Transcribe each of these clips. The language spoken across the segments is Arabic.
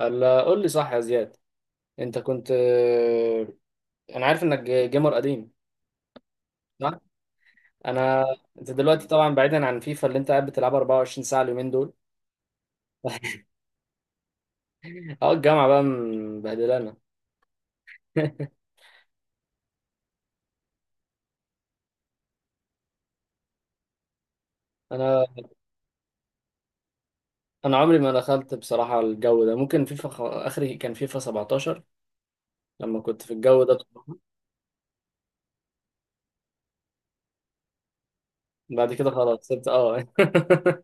الا قول لي صح يا زياد، انت كنت انا عارف انك جيمر قديم. صح. انا انت دلوقتي طبعا بعيدا عن فيفا اللي انت قاعد بتلعبها 24 ساعه اليومين دول. اه، الجامعه بقى مبهدلانا. انا انا عمري ما دخلت بصراحه الجو ده، ممكن فيفا اخري كان فيفا 17 لما كنت في الجو ده طبعاً. بعد كده خلاص سبت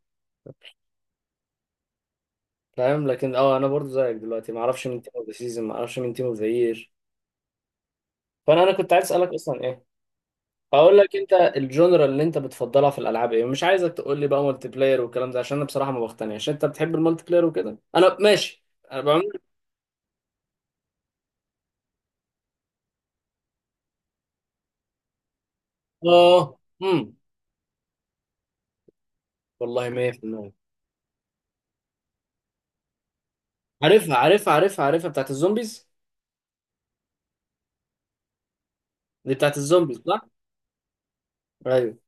فاهم، لكن انا برضو زيك دلوقتي ما اعرفش مين تيم اوف ذا سيزون، ما اعرفش مين تيم اوف ذا يير. فانا انا كنت عايز اسالك اصلا، ايه اقول لك، انت الجونرا اللي انت بتفضلها في الالعاب ايه؟ مش عايزك تقول لي بقى مالتي بلاير والكلام ده، عشان انا بصراحه ما بقتنعش انت بتحب المالتي بلاير وكده، انا ماشي. انا بعمل، اه امم والله 100%. عارفها عارفها عارفها عارفها، بتاعت الزومبيز. دي بتاعت الزومبيز صح. ايوه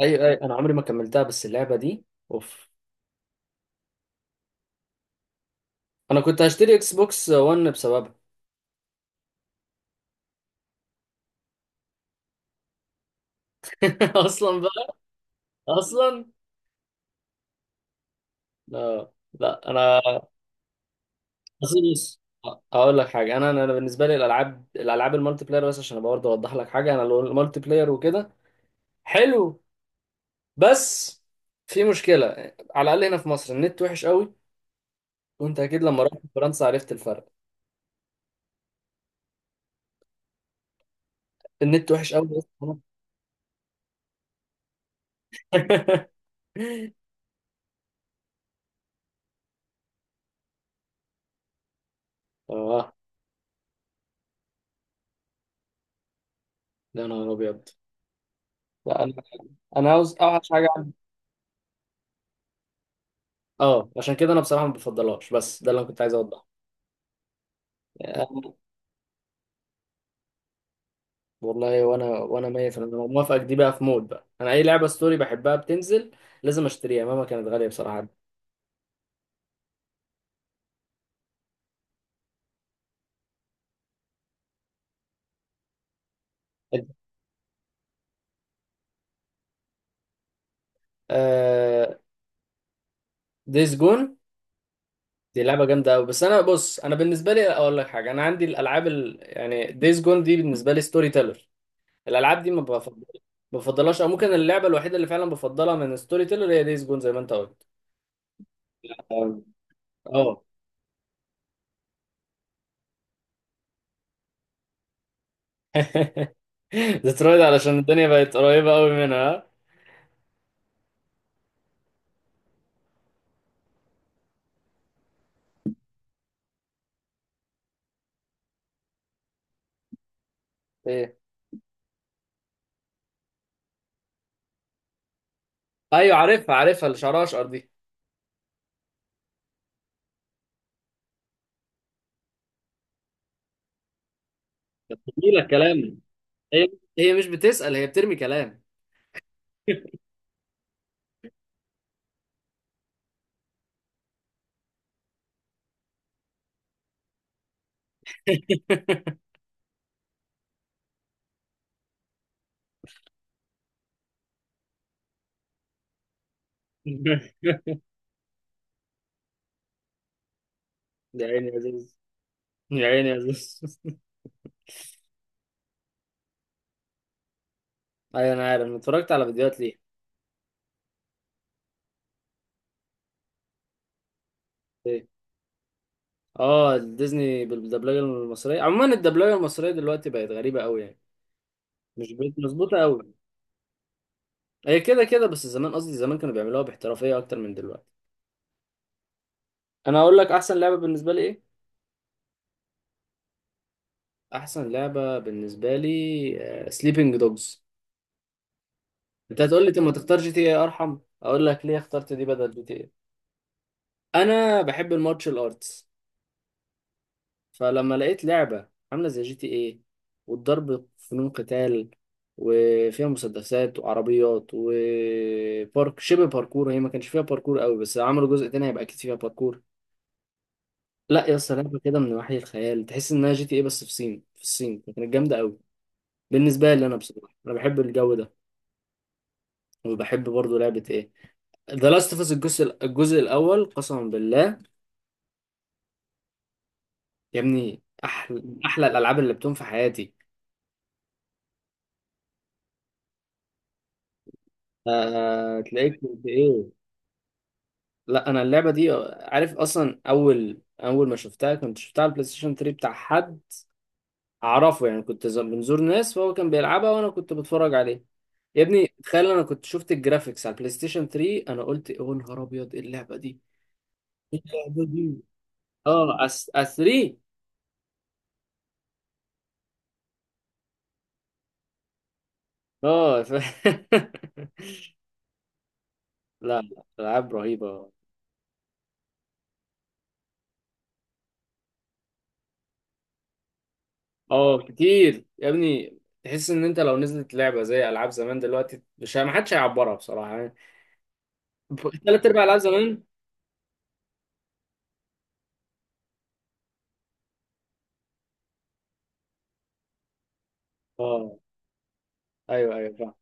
ايوه ايوه، انا عمري ما كملتها بس اللعبه دي اوف. انا كنت هشتري اكس بوكس 1 بسببها. اصلا بقى، اصلا. لا لا، انا. اصل بص، اقول لك حاجه. انا انا بالنسبه لي الالعاب، المالتي بلاير بس عشان برضه اوضح لك حاجه، انا لو المالتي بلاير وكده حلو، بس في مشكله، على الاقل هنا في مصر النت وحش قوي، وانت اكيد لما رحت فرنسا عرفت الفرق. النت وحش قوي بس. اه. يا نهار ابيض! لا، انا عاوز اوحش حاجه عندي. اه، عشان كده انا بصراحه ما بفضلهاش، بس ده اللي انا كنت عايز اوضحه. والله، وانا وانا ميت، انا موافقك. دي بقى في مود بقى، انا اي لعبه ستوري بحبها بتنزل لازم اشتريها مهما كانت غاليه بصراحه. آه ديز جون دي لعبه جامده قوي، بس انا بص، انا بالنسبه لي اقول لك حاجه، انا عندي يعني ديز جون دي بالنسبه لي ستوري تيلر. الالعاب دي ما بفضلهاش، او ممكن اللعبه الوحيده اللي فعلا بفضلها من ستوري تيلر هي ديز جون زي ما انت قلت. أم، اه. ديترويد، علشان الدنيا بقت قريبه قوي منها ها؟ ايه؟ ايوه، عارفها عارفها، اللي شعرها اشقر دي. جميلة الكلام. هي هي مش بتسأل، هي بترمي كلام. يا عيني يا زوز، يا عيني يا زوز. ايوه انا عارف، أنا اتفرجت على فيديوهات ليه. إيه؟ اه، ديزني بالدبلجه المصريه. عموما الدبلجه المصريه دلوقتي بقت غريبه قوي يعني، مش بقت مظبوطه قوي، هي كده كده، بس زمان، قصدي زمان، كانوا بيعملوها باحترافيه اكتر من دلوقتي. انا هقول لك احسن لعبه بالنسبه لي ايه؟ احسن لعبه بالنسبه لي سليبنج دوجز. انت هتقول لي طب ما تختار جي تي اي ارحم، اقول لك ليه اخترت دي بدل جي تي اي. انا بحب المارشال ارتس، فلما لقيت لعبة عاملة زي جي تي ايه والضرب فنون قتال، وفيها مسدسات وعربيات وبارك، شبه باركور، هي ما كانش فيها باركور قوي بس عملوا جزء تاني هيبقى اكيد فيها باركور. لا يا اسطى، لعبة كده من وحي الخيال، تحس انها جي تي ايه بس في الصين، في الصين كانت جامدة قوي بالنسبة لي. انا بصراحة انا بحب الجو ده. وبحب برضو لعبة ايه، ذا لاست اوف اس، الجزء الاول قسما بالله. يا ابني، احلى احلى الالعاب اللي لعبتهم في حياتي. تلاقيك كنت ايه. لا انا اللعبه دي، عارف اصلا، اول ما شفتها كنت شفتها على البلاي ستيشن 3 بتاع حد اعرفه، يعني كنت بنزور ناس فهو كان بيلعبها وانا كنت بتفرج عليه. يا ابني تخيل، انا كنت شفت الجرافيكس على البلاي ستيشن 3، انا قلت يا نهار ابيض ايه اللعبه دي، ايه اللعبه دي! اه، أس 3. اه ف... لا لا، العاب رهيبه. اه كتير يا ابني، تحس ان انت لو نزلت لعبه زي العاب زمان دلوقتي، مش، ما حدش هيعبرها بصراحه يعني، ثلاث ارباع العاب زمان. اه. ايوه ايوه فاهم.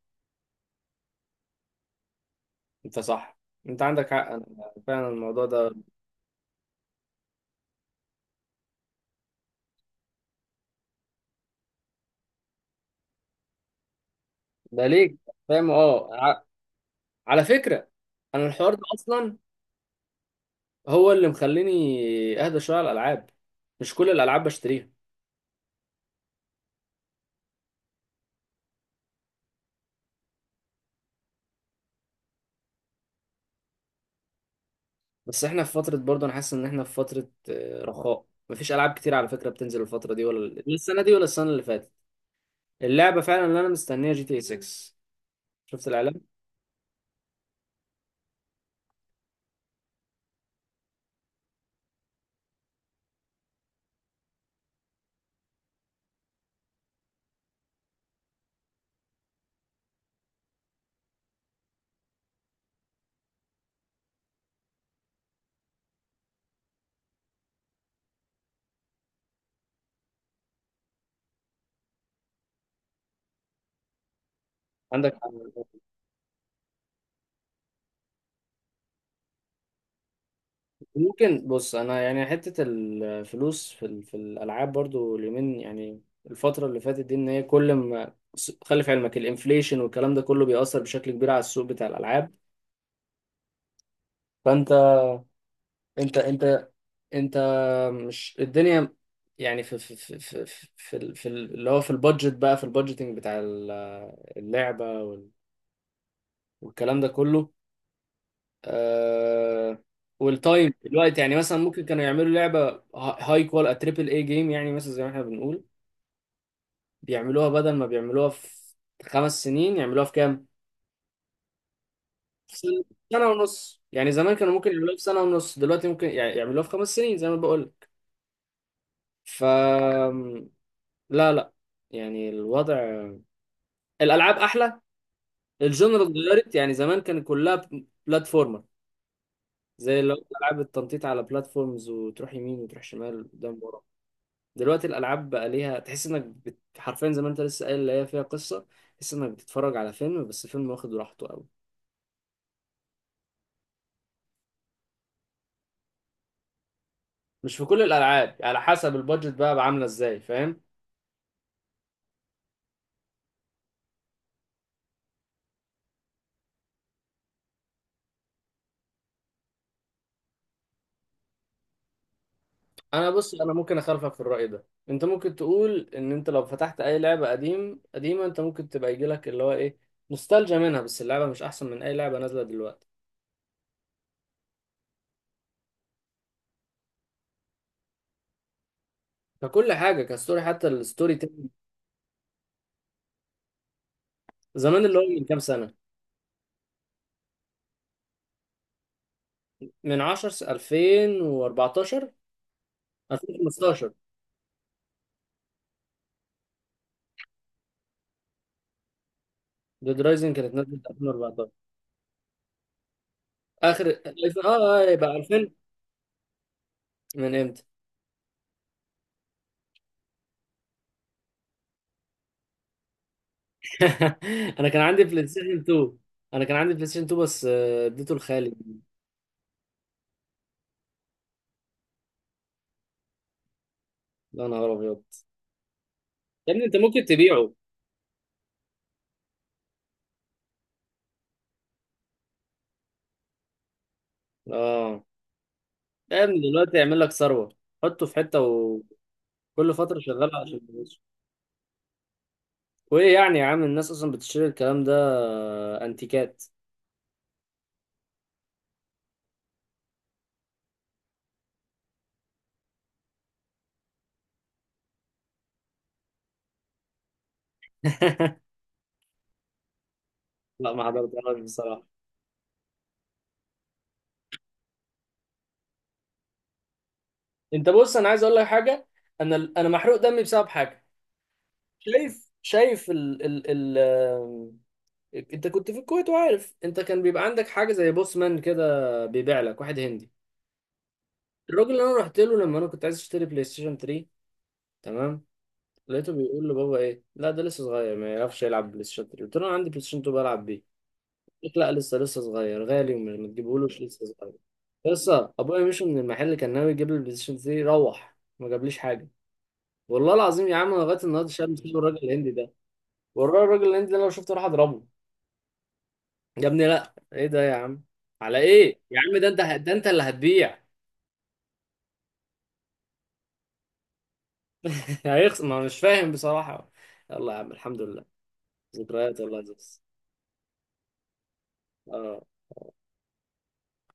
انت صح، انت عندك حق، انا فعلا الموضوع ده ده ليك، فاهم. على فكره، انا الحوار ده اصلا هو اللي مخليني اهدى شويه على الالعاب، مش كل الالعاب بشتريها. بس احنا في فتره برضه انا حاسس ان احنا في فتره رخاء، مفيش العاب كتير على فكره بتنزل الفتره دي ولا لا، السنه دي ولا السنه اللي فاتت. اللعبه فعلا اللي انا مستنيها جي تي اي 6، شفت الاعلان. عندك. ممكن بص، انا يعني حته الفلوس في في الالعاب برضو اليومين، يعني الفتره اللي فاتت دي، ان هي كل ما، خلي في علمك الانفليشن والكلام ده كله بيأثر بشكل كبير على السوق بتاع الالعاب. فانت، انت انت، مش الدنيا، يعني في اللي هو في البادجت بقى، في البادجتنج بتاع اللعبه والكلام ده كله. آه، والتايم دلوقتي، يعني مثلا ممكن كانوا يعملوا لعبه هاي كوال تريبل اي جيم يعني مثلا زي ما احنا بنقول، بيعملوها، بدل ما بيعملوها في خمس سنين يعملوها في كام؟ في سنة، سنة ونص يعني، زمان كانوا ممكن يعملوها في سنة ونص، دلوقتي ممكن يعملوها في خمس سنين زي ما بقول لك. ف لا لا، يعني الوضع، الألعاب أحلى، الجنرال اتغيرت يعني. زمان كان كلها بلاتفورمر، زي اللي هو ألعاب التنطيط على بلاتفورمز وتروح يمين وتروح شمال، قدام ورا. دلوقتي الألعاب بقى ليها، تحس إنك حرفيا زي ما أنت لسه قايل، اللي هي فيها قصة، تحس إنك بتتفرج على فيلم، بس فيلم واخد راحته. مش في كل الالعاب، على حسب البادجت بقى عامله ازاي، فاهم. انا بص، انا ممكن اخالفك في الراي ده. انت ممكن تقول ان انت لو فتحت اي لعبه قديمه، انت ممكن تبقى يجي لك اللي هو ايه، نوستالجيا منها، بس اللعبه مش احسن من اي لعبه نازله دلوقتي. ككل حاجه، كستوري، حتى الستوري تيلينج. زمان، اللي هو من كام سنه، من 10 2014، 2015، ديد رايزنج كانت نازله في 2014 اخر. اه، يبقى 2000، من امتى. انا كان عندي بلاي ستيشن 2، بس اديته لخالي. يا نهار ابيض. يا ابني انت ممكن تبيعه. اه. لا يا ابني دلوقتي يعمل لك ثروه، حطه في حته وكل فتره شغاله عشان فلوس. وايه يعني يا عم؟ الناس اصلا بتشتري الكلام ده، انتيكات. لا ما حضرتهاش بصراحه. انت بص، انا عايز اقول لك حاجه، انا انا محروق دمي بسبب حاجه. شايف ال ال انت كنت في الكويت، وعارف انت كان بيبقى عندك حاجه زي بوسمان كده، بيبيع لك واحد هندي. الراجل اللي انا رحت له لما انا كنت عايز اشتري بلاي ستيشن 3، تمام، لقيته بيقول لبابا ايه، لا ده لسه صغير ما يعرفش يلعب بلاي ستيشن 3، قلت له انا عندي بلاي ستيشن 2 بلعب بيه. قال لك لا لسه صغير، غالي وما تجيبهولوش لسه صغير. لسه ابويا مشي من المحل، كان ناوي يجيب لي البلاي ستيشن 3، روح ما جابليش حاجه. والله العظيم يا عم، أنا لغايه النهارده شايل مسؤول الراجل الهندي ده، والراجل الهندي ده لو شفته راح اضربه. يا ابني لا، ايه ده يا عم، على ايه يا عم؟ ده انت، ده انت اللي هتبيع. هيخسر، ما أنا مش فاهم بصراحة. يلا يا عم الحمد لله، ذكريات والله يا زوز. اه